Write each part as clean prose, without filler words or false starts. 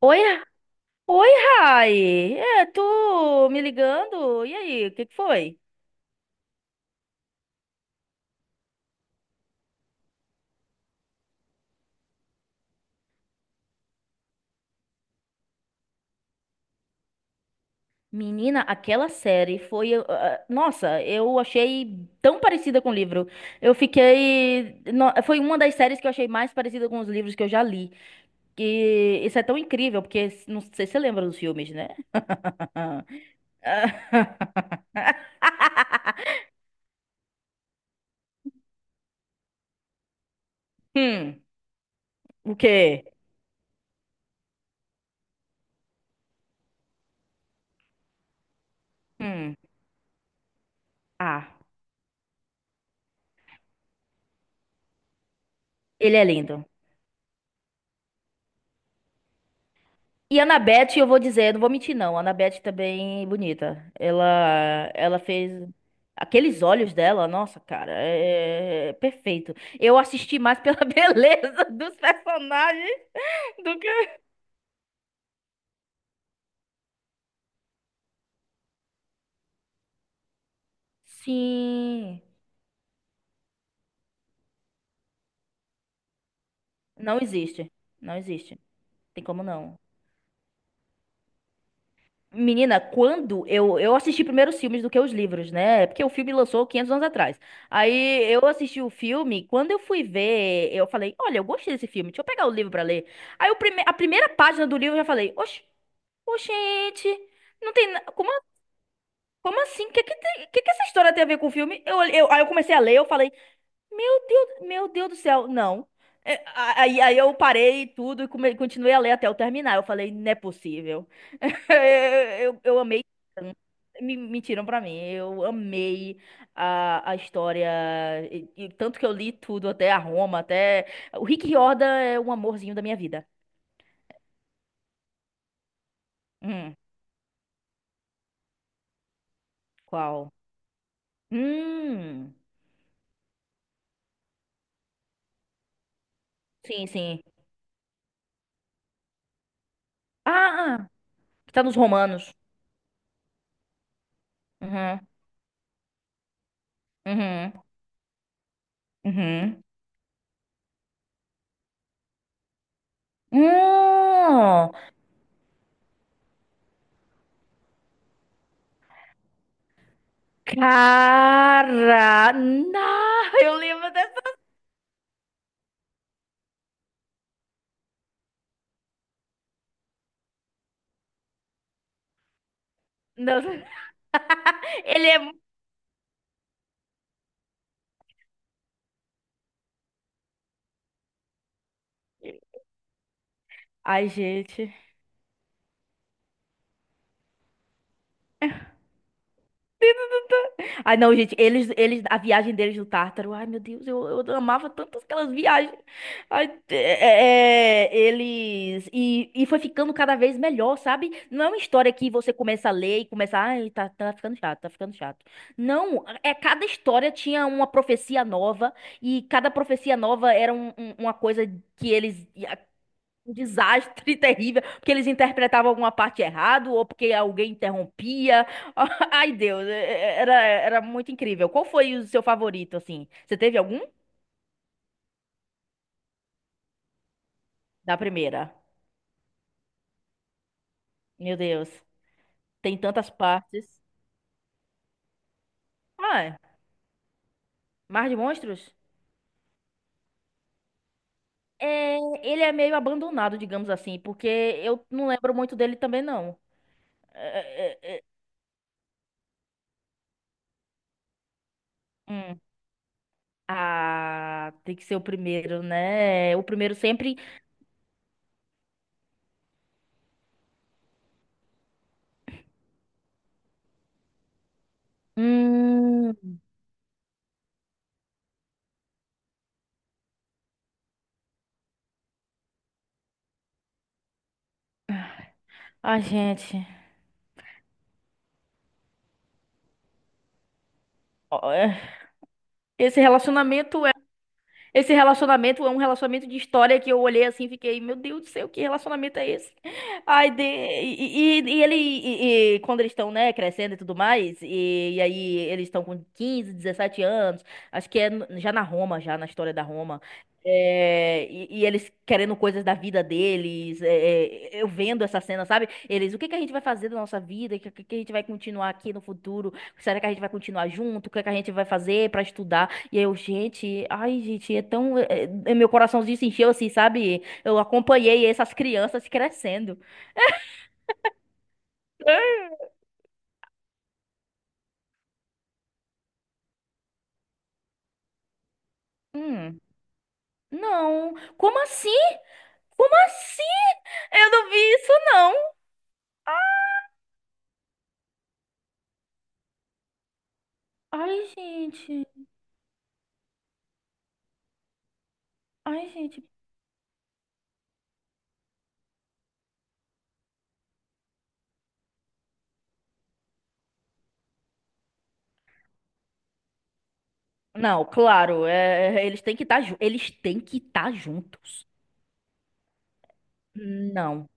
Oi, oi, Rai. É, tu me ligando? E aí, o que que foi? Menina, aquela série foi. Nossa, eu achei tão parecida com o livro. Eu fiquei. No- Foi uma das séries que eu achei mais parecida com os livros que eu já li. E isso é tão incrível, porque não sei se você lembra dos filmes, né? Hum, o quê? Hum, ah, ele é lindo. E a Anabete, eu vou dizer, não vou mentir não, a Anabete também é bonita. Ela fez aqueles olhos dela, nossa, cara, é perfeito. Eu assisti mais pela beleza dos personagens do que... Sim, não existe, não existe, tem como não. Menina, quando eu assisti primeiro os filmes do que os livros, né? Porque o filme lançou 500 anos atrás. Aí eu assisti o filme, quando eu fui ver, eu falei: olha, eu gostei desse filme, deixa eu pegar o livro pra ler. Aí o prime a primeira página do livro eu já falei: oxe, oxente, não tem. Na- Como, como assim? O que, que, que essa história tem a ver com o filme? Aí eu comecei a ler, eu falei: meu Deus, meu Deus do céu, não. Aí eu parei tudo e continuei a ler até eu terminar. Eu falei: não é possível. Eu amei me mentiram pra mim. Eu amei a história. E tanto que eu li tudo, até a Roma, até. O Rick Riordan é um amorzinho da minha vida. Hum, qual? Hum. Sim, sim. Ah, ah, que tá nos romanos. Uhum, uhum, uhum. Hum, cara, não, eu lembro dessa. Não. Ele é. Ai, gente. Ai, não, gente, a viagem deles do Tártaro, ai, meu Deus, eu amava tanto aquelas viagens. Ai, eles. E foi ficando cada vez melhor, sabe? Não é uma história que você começa a ler e começa, ai, tá, tá ficando chato, tá ficando chato. Não, é cada história tinha uma profecia nova, e cada profecia nova era uma coisa que eles um desastre terrível, porque eles interpretavam alguma parte errado ou porque alguém interrompia. Ai, Deus, era muito incrível. Qual foi o seu favorito, assim? Você teve algum? Da primeira. Meu Deus, tem tantas partes. Ah, Mar de Monstros? É, ele é meio abandonado, digamos assim, porque eu não lembro muito dele também, não. É, é, é, hum. Ah, tem que ser o primeiro, né? O primeiro sempre. Hum. Ai, gente. Esse relacionamento é, esse relacionamento é um relacionamento de história que eu olhei assim e fiquei, meu Deus do céu, que relacionamento é esse? Ai, de... ele, e quando eles estão, né, crescendo e tudo mais, e aí eles estão com 15 17 anos, acho que é já na Roma, já na história da Roma, e eles querendo coisas da vida deles, eu vendo essa cena, sabe? Eles, o que que a gente vai fazer da nossa vida? O que, que a gente vai continuar aqui no futuro? Será que a gente vai continuar junto? O que que a gente vai fazer pra estudar? E eu, gente, ai, gente, meu coraçãozinho se encheu assim, sabe? Eu acompanhei essas crianças crescendo. É. Hum, não. Como assim? Como assim? Eu não vi isso, não. Ai, gente. Ai, gente. Não, claro, eles têm que estar, eles têm que estar juntos. Não.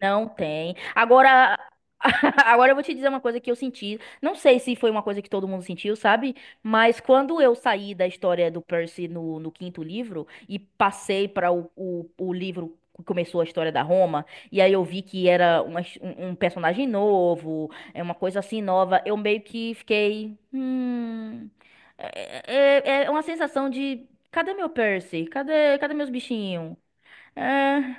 Não tem. Agora, agora eu vou te dizer uma coisa que eu senti. Não sei se foi uma coisa que todo mundo sentiu, sabe? Mas quando eu saí da história do Percy no quinto livro e passei para o livro que começou a história da Roma, e aí eu vi que era um personagem novo, é uma coisa assim nova, eu meio que fiquei. É uma sensação de. Cadê meu Percy? Cadê, cadê meus bichinhos? É,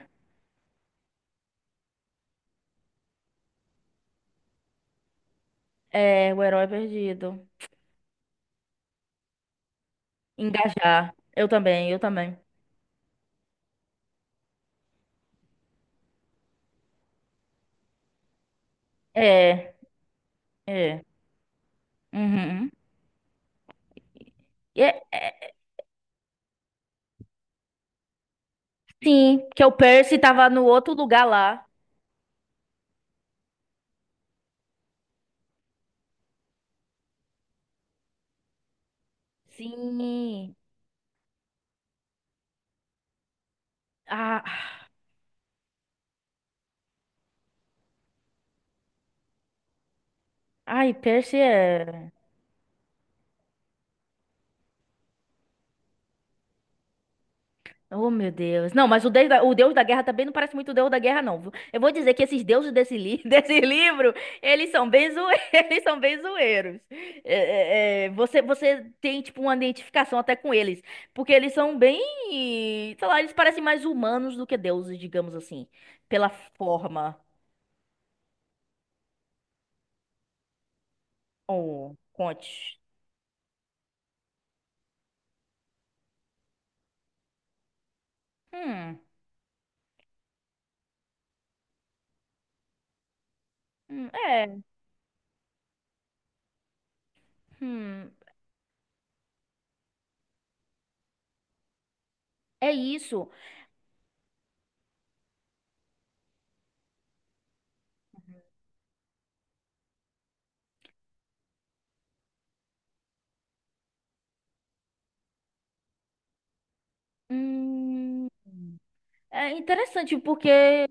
o herói perdido. Engajar. Eu também, eu também. É, é. Uhum. E É, é, sim, que o Percy tava no outro lugar lá. Sim. Ah, ai, Percy é. Oh, meu Deus. Não, mas o Deus da Guerra também não parece muito o Deus da Guerra, não. Viu? Eu vou dizer que esses deuses desse livro, eles são bem, zoe- eles são bem zoeiros. É, você, você tem, tipo, uma identificação até com eles. Porque eles são bem... Sei lá, eles parecem mais humanos do que deuses, digamos assim. Pela forma. Oh, conte. Hum, hum, é, hum, é isso. Hum, é interessante porque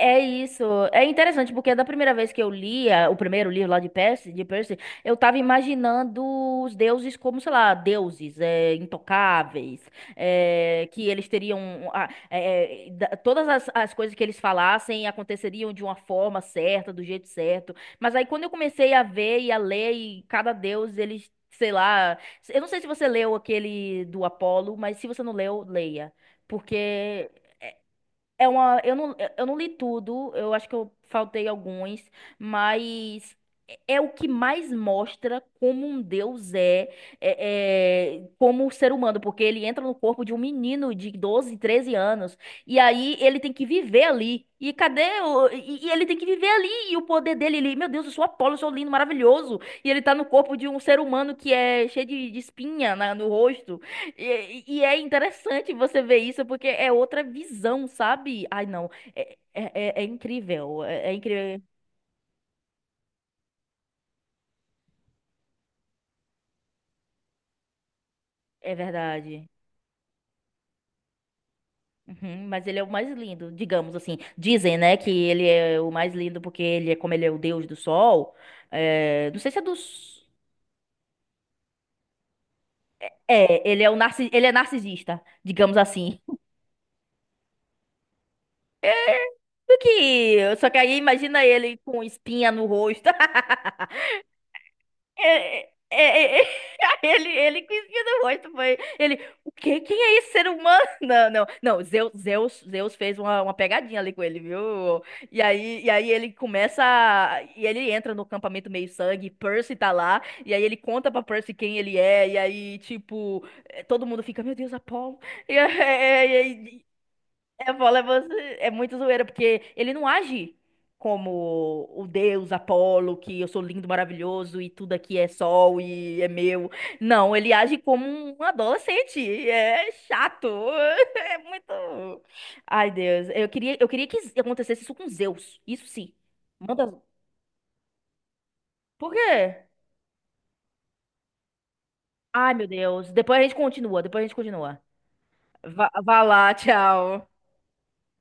é isso. É interessante, porque da primeira vez que eu lia o primeiro livro lá de Percy, eu tava imaginando os deuses como, sei lá, intocáveis, é, que eles teriam. Todas as coisas que eles falassem aconteceriam de uma forma certa, do jeito certo. Mas aí quando eu comecei a ver e a ler, e cada deus, eles, sei lá. Eu não sei se você leu aquele do Apolo, mas se você não leu, leia. Porque é uma, eu não li tudo, eu acho que eu faltei alguns, mas é o que mais mostra como um deus é, é, é, como um ser humano, porque ele entra no corpo de um menino de 12, 13 anos, e aí ele tem que viver ali. E ele tem que viver ali, e o poder dele, ele, meu Deus, eu sou Apolo, eu sou lindo, maravilhoso, e ele tá no corpo de um ser humano que é cheio de espinha no rosto. E é interessante você ver isso, porque é outra visão, sabe? Ai, não. É, é, é incrível. É, é incrível. É verdade. Uhum, mas ele é o mais lindo, digamos assim. Dizem, né, que ele é o mais lindo porque ele é, como ele é o deus do sol. É, não sei se é dos. É, ele é o ele é narcisista, digamos assim. Porque, só que aí imagina ele com espinha no rosto. É, é, é, é, ele que riu do rosto, foi. Ele, o quê? Quem é esse ser humano? Não, não, não. Zeus, Zeus, Zeus fez uma pegadinha ali com ele, viu? E aí ele começa. E ele entra no acampamento meio sangue, Percy tá lá, e aí ele conta pra Percy quem ele é, e aí, tipo, todo mundo fica, meu Deus, Apolo. E, eu falo, é, é muito zoeira, porque ele não age como o deus Apolo, que eu sou lindo, maravilhoso e tudo aqui é sol e é meu. Não, ele age como um adolescente. É chato. É muito. Ai, Deus. Eu queria que acontecesse isso com Zeus. Isso sim. Manda. Por quê? Ai, meu Deus. Depois a gente continua. Depois a gente continua. Vá, vá lá, tchau.